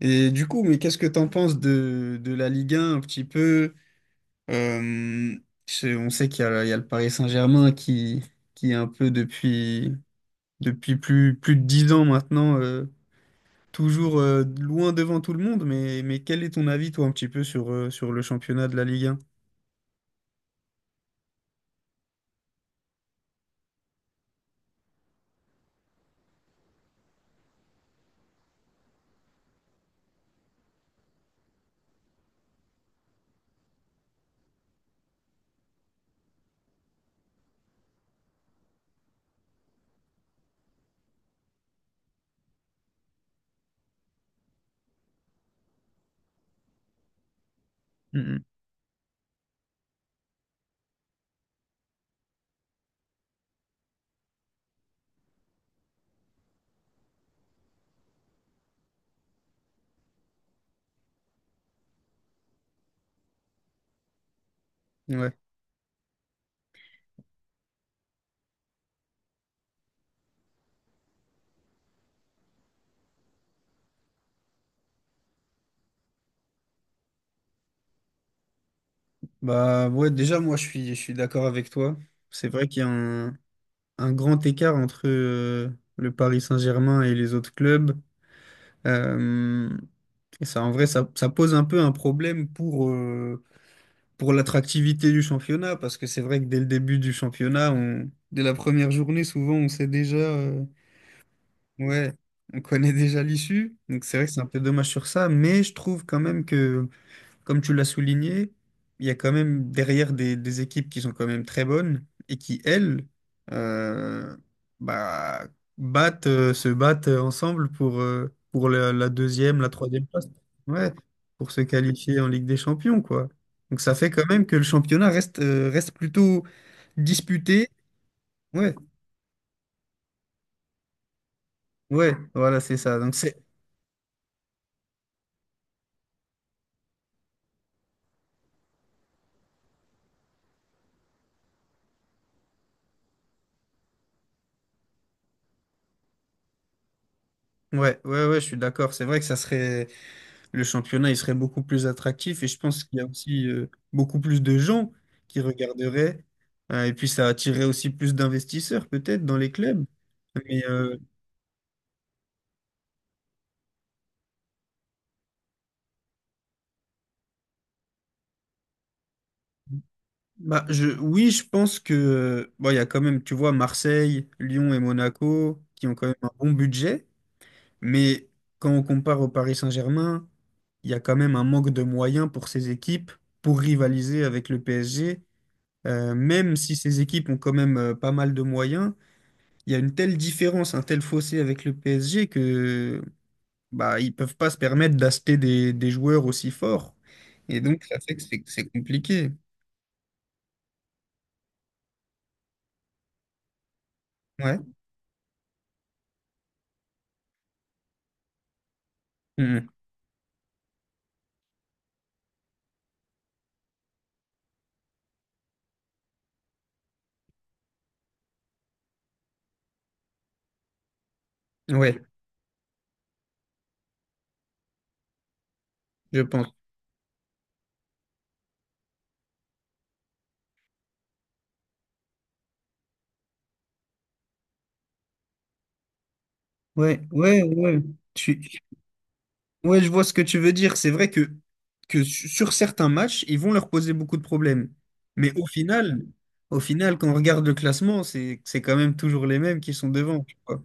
Et du coup, mais qu'est-ce que t'en penses de la Ligue 1 un petit peu? Euh, on sait qu'il y a le Paris Saint-Germain qui est un peu depuis plus de 10 ans maintenant, toujours loin devant tout le monde. Mais quel est ton avis, toi, un petit peu sur le championnat de la Ligue 1? Mhm. Ouais. Bah ouais, déjà, moi, je suis d'accord avec toi. C'est vrai qu'il y a un grand écart entre le Paris Saint-Germain et les autres clubs. Euh, Et ça, en vrai, ça pose un peu un problème pour l'attractivité du championnat, parce que c'est vrai que dès le début du championnat, dès la première journée, souvent, on sait déjà, ouais, on connaît déjà l'issue. Donc c'est vrai que c'est un peu dommage sur ça, mais je trouve quand même que, comme tu l'as souligné, il y a quand même derrière des équipes qui sont quand même très bonnes et qui, elles, euh, bah, se battent ensemble pour la deuxième, la troisième place. Ouais, pour se qualifier en Ligue des Champions, quoi. Donc ça fait quand même que le championnat reste plutôt disputé. Ouais, ouais, voilà, c'est ça. Ouais, ouais, ouais, je suis d'accord. C'est vrai que ça serait. Le championnat il serait beaucoup plus attractif et je pense qu'il y a aussi beaucoup plus de gens qui regarderaient. Et puis ça attirerait aussi plus d'investisseurs peut-être dans les clubs. Mais bah, je oui je pense que bon, il y a quand même, tu vois, Marseille, Lyon et Monaco qui ont quand même un bon budget, mais quand on compare au Paris Saint-Germain, il y a quand même un manque de moyens pour ces équipes pour rivaliser avec le PSG. Même si ces équipes ont quand même pas mal de moyens, il y a une telle différence, un tel fossé avec le PSG que, bah, ils peuvent pas se permettre d'acheter des joueurs aussi forts. Et donc ça fait que c'est compliqué. Ouais. Mhm. Ouais, je pense. Ouais, ouais, ouais. Tu... Ouais, je vois ce que tu veux dire. C'est vrai que, sur certains matchs, ils vont leur poser beaucoup de problèmes. Mais au final, quand on regarde le classement, c'est quand même toujours les mêmes qui sont devant, tu vois.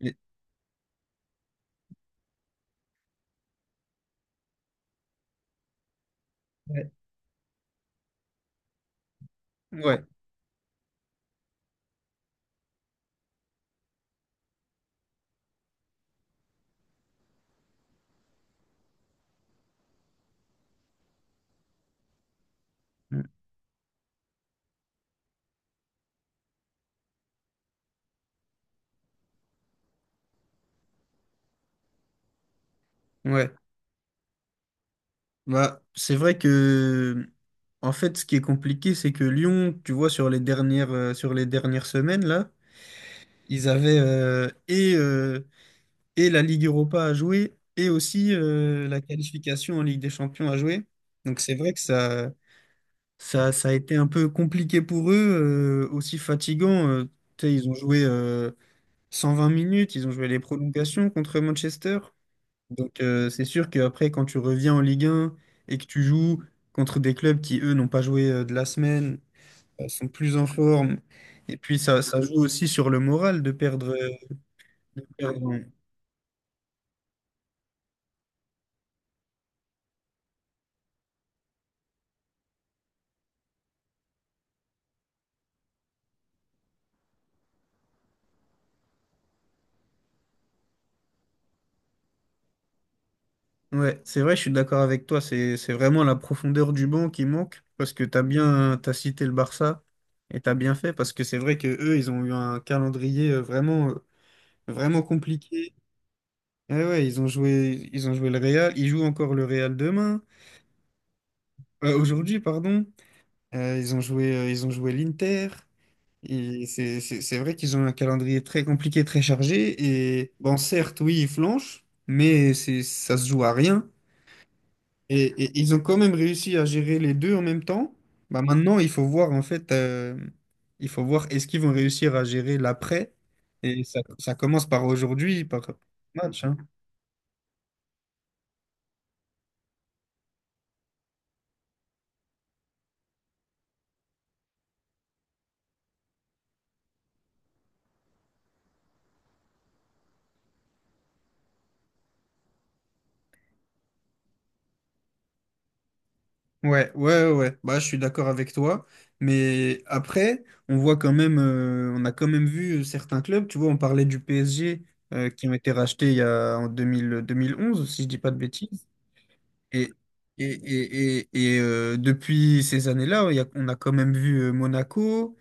Les- Ouais. Ouais. Ouais. Bah, c'est vrai que, en fait, ce qui est compliqué, c'est que Lyon, tu vois, sur les dernières semaines, là, ils avaient et la Ligue Europa à jouer et aussi la qualification en Ligue des Champions à jouer. Donc, c'est vrai que ça a été un peu compliqué pour eux, aussi fatigant. Tu sais, ils ont joué 120 minutes, ils ont joué les prolongations contre Manchester. Donc c'est sûr qu'après, quand tu reviens en Ligue 1 et que tu joues contre des clubs qui, eux, n'ont pas joué de la semaine, sont plus en forme, et puis ça joue aussi sur le moral de perdre. De perdre en- Ouais, c'est vrai, je suis d'accord avec toi, c'est vraiment la profondeur du banc qui manque, parce que tu as bien, t'as cité le Barça, et tu as bien fait, parce que c'est vrai que eux, ils ont eu un calendrier vraiment compliqué. Ouais, ouais, ils ont joué le Real, ils jouent encore le Real demain, aujourd'hui, pardon. Ils ont joué l'Inter. Et c'est vrai qu'ils ont un calendrier très compliqué, très chargé. Et bon, certes, oui, ils flanchent, mais ça se joue à rien. Et ils ont quand même réussi à gérer les deux en même temps. Bah, maintenant, il faut voir, en fait, il faut voir est-ce qu'ils vont réussir à gérer l'après. Et ça commence par aujourd'hui, par match, hein. Ouais, ouais, ouais, ouais. Bah, je suis d'accord avec toi. Mais après, on voit quand même, on a quand même vu certains clubs, tu vois, on parlait du PSG, qui ont été rachetés en deux mille onze, si je dis pas de bêtises. Et, et depuis ces années-là, on a quand même vu Monaco,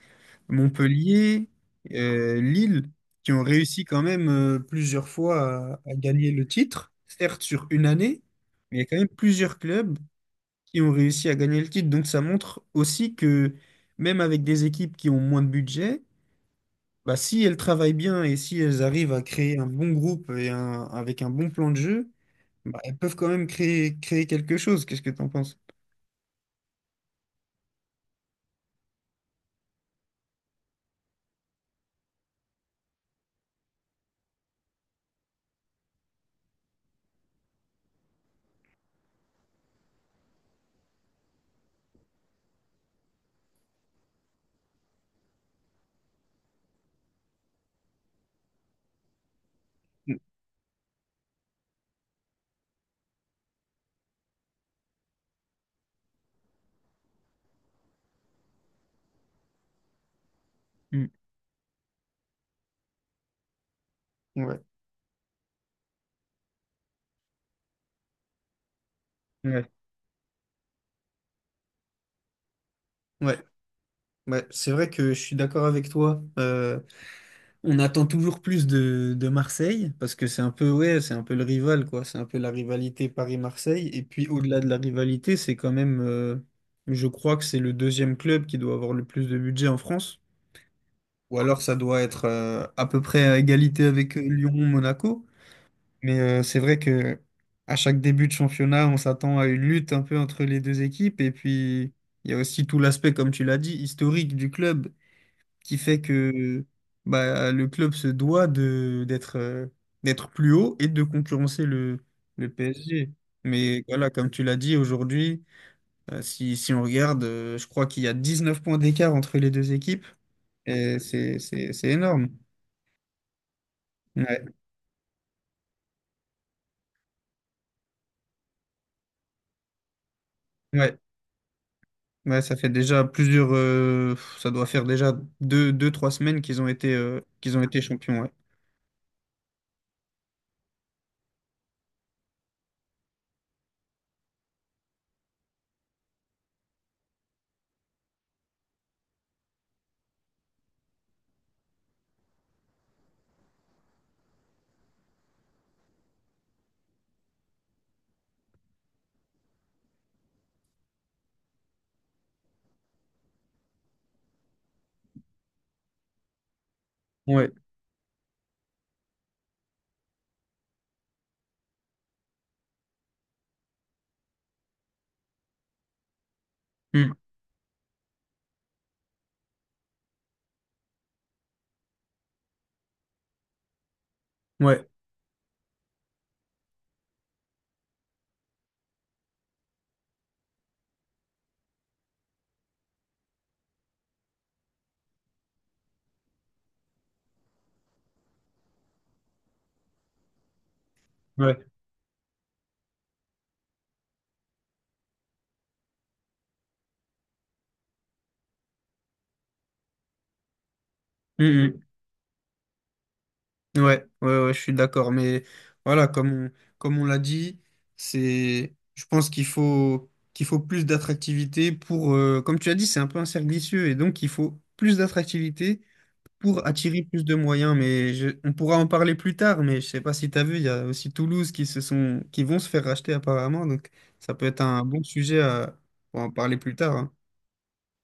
Montpellier, Lille, qui ont réussi quand même plusieurs fois à gagner le titre, certes sur une année. Mais il y a quand même plusieurs clubs qui ont réussi à gagner le titre. Donc ça montre aussi que, même avec des équipes qui ont moins de budget, bah, si elles travaillent bien et si elles arrivent à créer un bon groupe et avec un bon plan de jeu, bah, elles peuvent quand même créer quelque chose. Qu'est-ce que tu en penses? Mm, mm. Ouais, ouais, ouais. Ouais, c'est vrai que je suis d'accord avec toi. On attend toujours plus de Marseille parce que c'est un peu, ouais, c'est un peu le rival, quoi, c'est un peu la rivalité Paris-Marseille et puis au-delà de la rivalité, c'est quand même je crois que c'est le deuxième club qui doit avoir le plus de budget en France ou alors ça doit être à peu près à égalité avec Lyon, Monaco, mais c'est vrai que à chaque début de championnat, on s'attend à une lutte un peu entre les deux équipes et puis il y a aussi tout l'aspect, comme tu l'as dit, historique du club, qui fait que, bah, le club se doit de d'être d'être plus haut et de concurrencer le PSG. Mais voilà, comme tu l'as dit aujourd'hui, si on regarde, je crois qu'il y a 19 points d'écart entre les deux équipes et c'est énorme. Ouais, ouais, ouais, ça doit faire déjà deux, deux, trois semaines qu'ils ont été champions, ouais. Ouais, Mm. Ouais, ouais. Mm, mm. Ouais, ouais, ouais, je suis d'accord. Mais voilà, comme on l'a dit, je pense qu'il faut plus d'attractivité comme tu as dit, c'est un peu un cercle vicieux. Et donc, il faut plus d'attractivité pour attirer plus de moyens. Mais on pourra en parler plus tard. Mais je sais pas si tu as vu, il y a aussi Toulouse qui vont se faire racheter apparemment. Donc, ça peut être un bon sujet pour en parler plus tard, hein.